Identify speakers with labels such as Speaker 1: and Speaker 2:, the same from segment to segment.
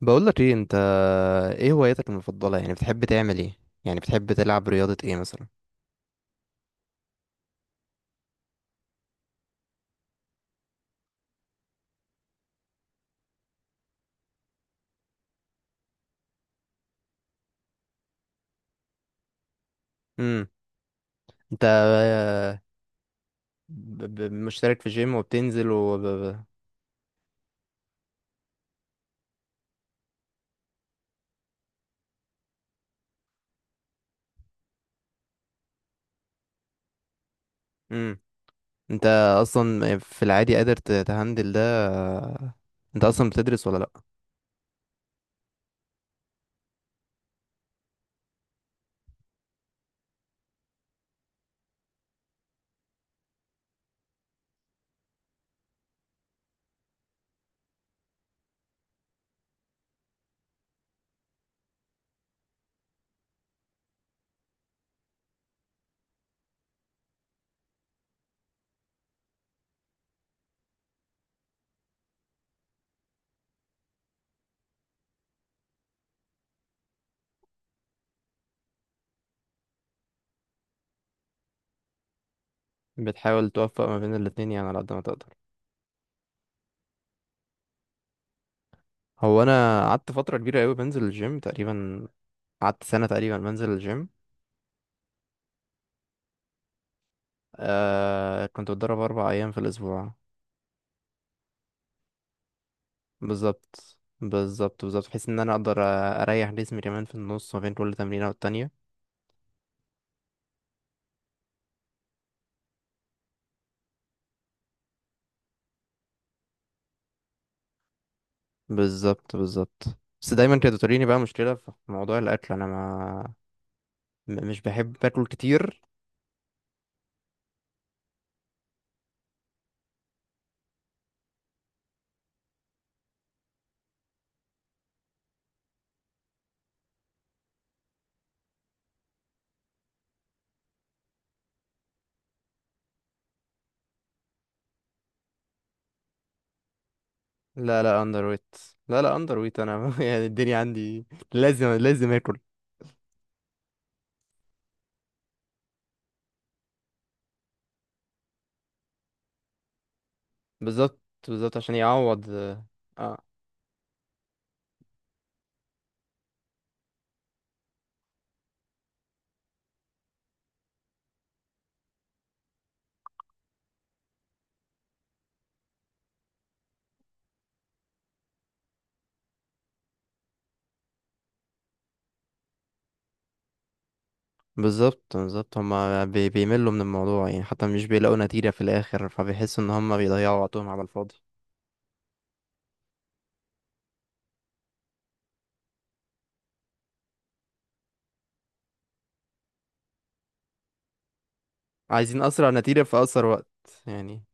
Speaker 1: بقول لك ايه انت، ايه هواياتك المفضله؟ يعني بتحب تعمل ايه؟ يعني بتحب تلعب رياضه ايه مثلا؟ امم انت مشترك في جيم وبتنزل و؟ امم انت اصلا في العادي قادر تهندل ده؟ انت اصلا بتدرس ولا لا؟ بتحاول توفق ما بين الاتنين يعني على قد ما تقدر؟ هو انا قعدت فتره كبيره قوي بنزل الجيم تقريبا، قعدت سنه تقريبا بنزل الجيم. آه كنت بتدرب 4 ايام في الاسبوع. بالظبط بالظبط بالظبط، بحيث ان انا اقدر اريح جسمي كمان في النص ما بين كل تمرينه والتانية. بالظبط بالظبط. بس دايما كانت بتواجهني بقى مشكله في موضوع الاكل، انا ما م- مش بحب باكل كتير. لا لا اندر ويت. لا لا اندر ويت انا يعني الدنيا عندي لازم لازم اكل. بالظبط بالظبط عشان يعوض. اه. بالظبط بالظبط هما بيملوا من الموضوع يعني، حتى مش بيلاقوا نتيجه في الاخر، فبيحسوا ان هما بيضيعوا وقتهم على الفاضي. عايزين اسرع نتيجه في اسرع وقت يعني.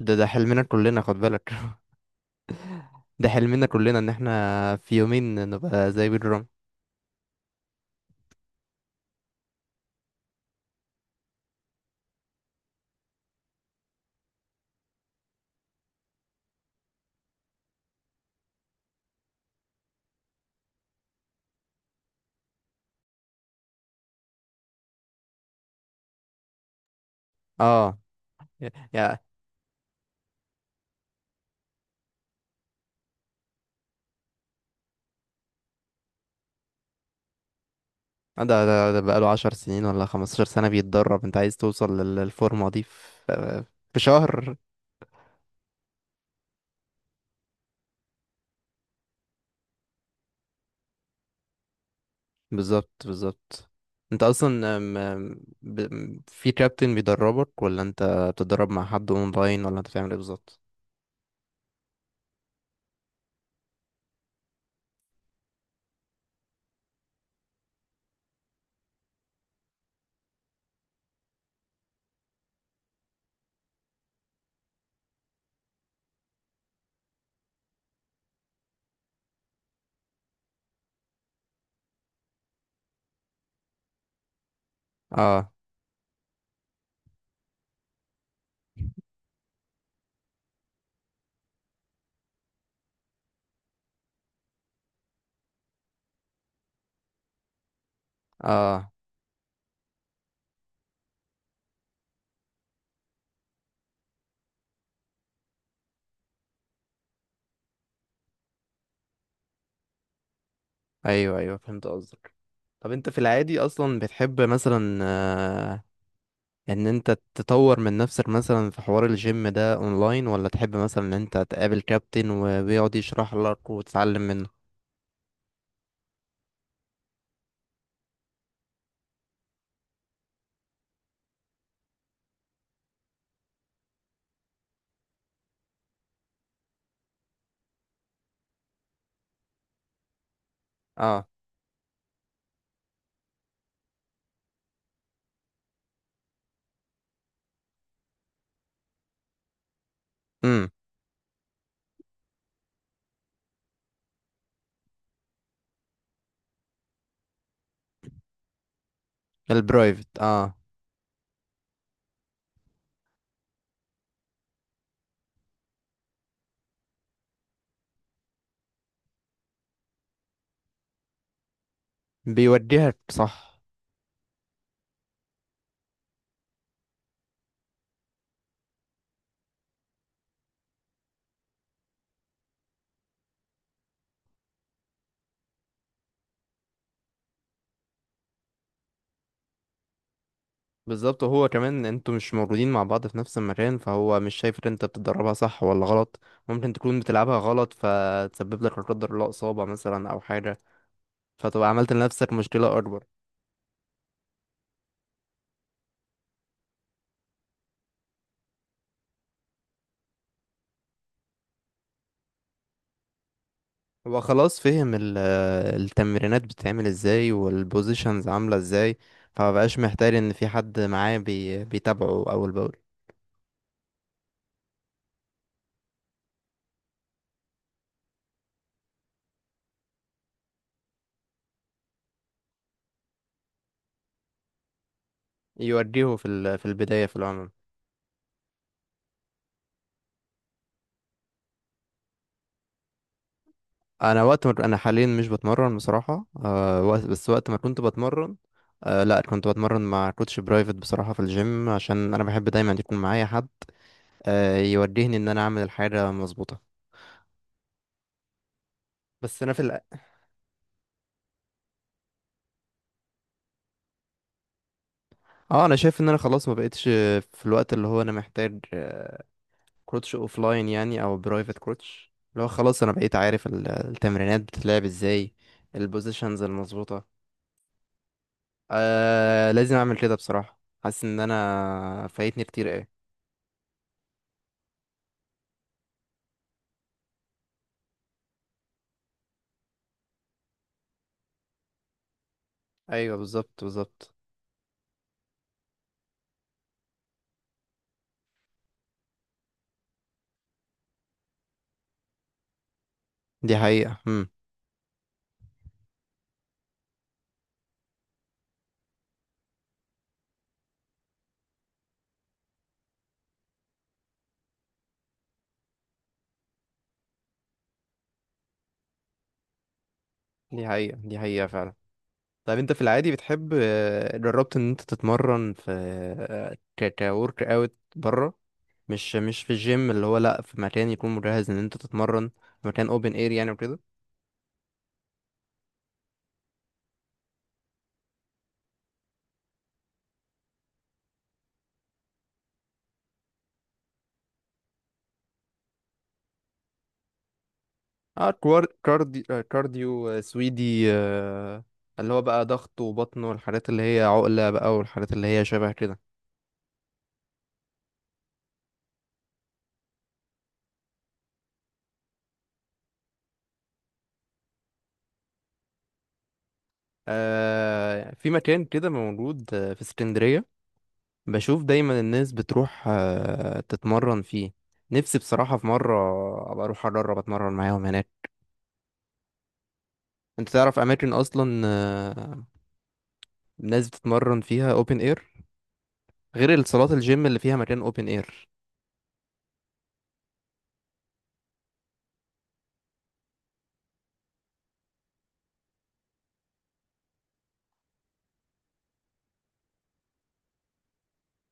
Speaker 1: ده حلمنا كلنا، خد بالك. ده حلمنا كلنا ان احنا في يومين نبقى زي بيدر رامي. اه. يا يا- ده بقاله 10 سنين ولا 15 سنة بيتدرب، انت عايز توصل للفورمة دي في شهر؟ بالظبط بالظبط. انت اصلا في كابتن بيدربك، ولا انت بتتدرب مع حد اونلاين، ولا انت بتعمل ايه بالظبط؟ اه اه. ايوه ايوه، فهمت قصدك. طب انت في العادي اصلا بتحب مثلا، ان انت تطور من نفسك مثلا في حوار الجيم ده اونلاين، ولا تحب مثلا ان انت تقابل كابتن وبيقعد يشرح لك وتتعلم منه؟ اه. امم. البرايفت، اه. بيوجهك صح. بالظبط، وهو كمان انتوا مش موجودين مع بعض في نفس المكان، فهو مش شايف ان انت بتدربها صح ولا غلط. ممكن تكون بتلعبها غلط، فتسبب لك لا قدر الله اصابة مثلا او حاجة، فتبقى عملت لنفسك مشكلة اكبر. هو خلاص فهم التمرينات بتتعمل ازاي والبوزيشنز عاملة ازاي، فمبقاش محتاج ان في حد معاه بيتابعه اول باول، يوديه في البداية في العموم. انا وقت ما انا حاليا مش بتمرن بصراحة. بس وقت ما كنت بتمرن، لا كنت بتمرن مع كوتش برايفت بصراحة في الجيم، عشان انا بحب دايما يكون معايا حد، يوجهني ان انا اعمل الحاجة مظبوطة. بس انا. اه انا شايف ان انا خلاص ما بقتش في الوقت اللي هو انا محتاج كروتش اوف لاين يعني، او برايفت كروتش، اللي هو خلاص انا بقيت عارف التمرينات بتتلعب ازاي، البوزيشنز المظبوطه. آه لازم اعمل كده بصراحه، حاسس ان انا فايتني كتير ايه. ايوه بالظبط بالظبط، دي حقيقه دي حقيقه دي حقيقه فعلا. طب انت في العادي بتحب، جربت ان انت تتمرن في، آه، ك كورك اوت بره، مش في الجيم اللي هو، لا في مكان يكون مجهز ان انت تتمرن في مكان اوبن اير يعني وكده؟ اه. كوار... كاردي... آه، كارديو، سويدي، اللي هو بقى ضغط وبطن والحاجات اللي هي عقلة بقى والحاجات اللي هي شبه كده. في مكان كده موجود، في اسكندرية، بشوف دايما الناس بتروح تتمرن فيه، نفسي بصراحة في مرة أبقى أروح أجرب أتمرن معاهم هناك. أنت تعرف أماكن أصلا، الناس بتتمرن فيها أوبن إير، غير الصالات الجيم اللي فيها مكان أوبن إير؟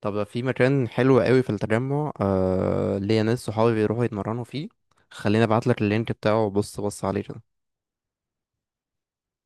Speaker 1: طب في مكان حلو قوي في التجمع، ليا ناس صحابي بيروحوا يتمرنوا فيه، خليني ابعتلك اللينك بتاعه وبص بص عليه كده.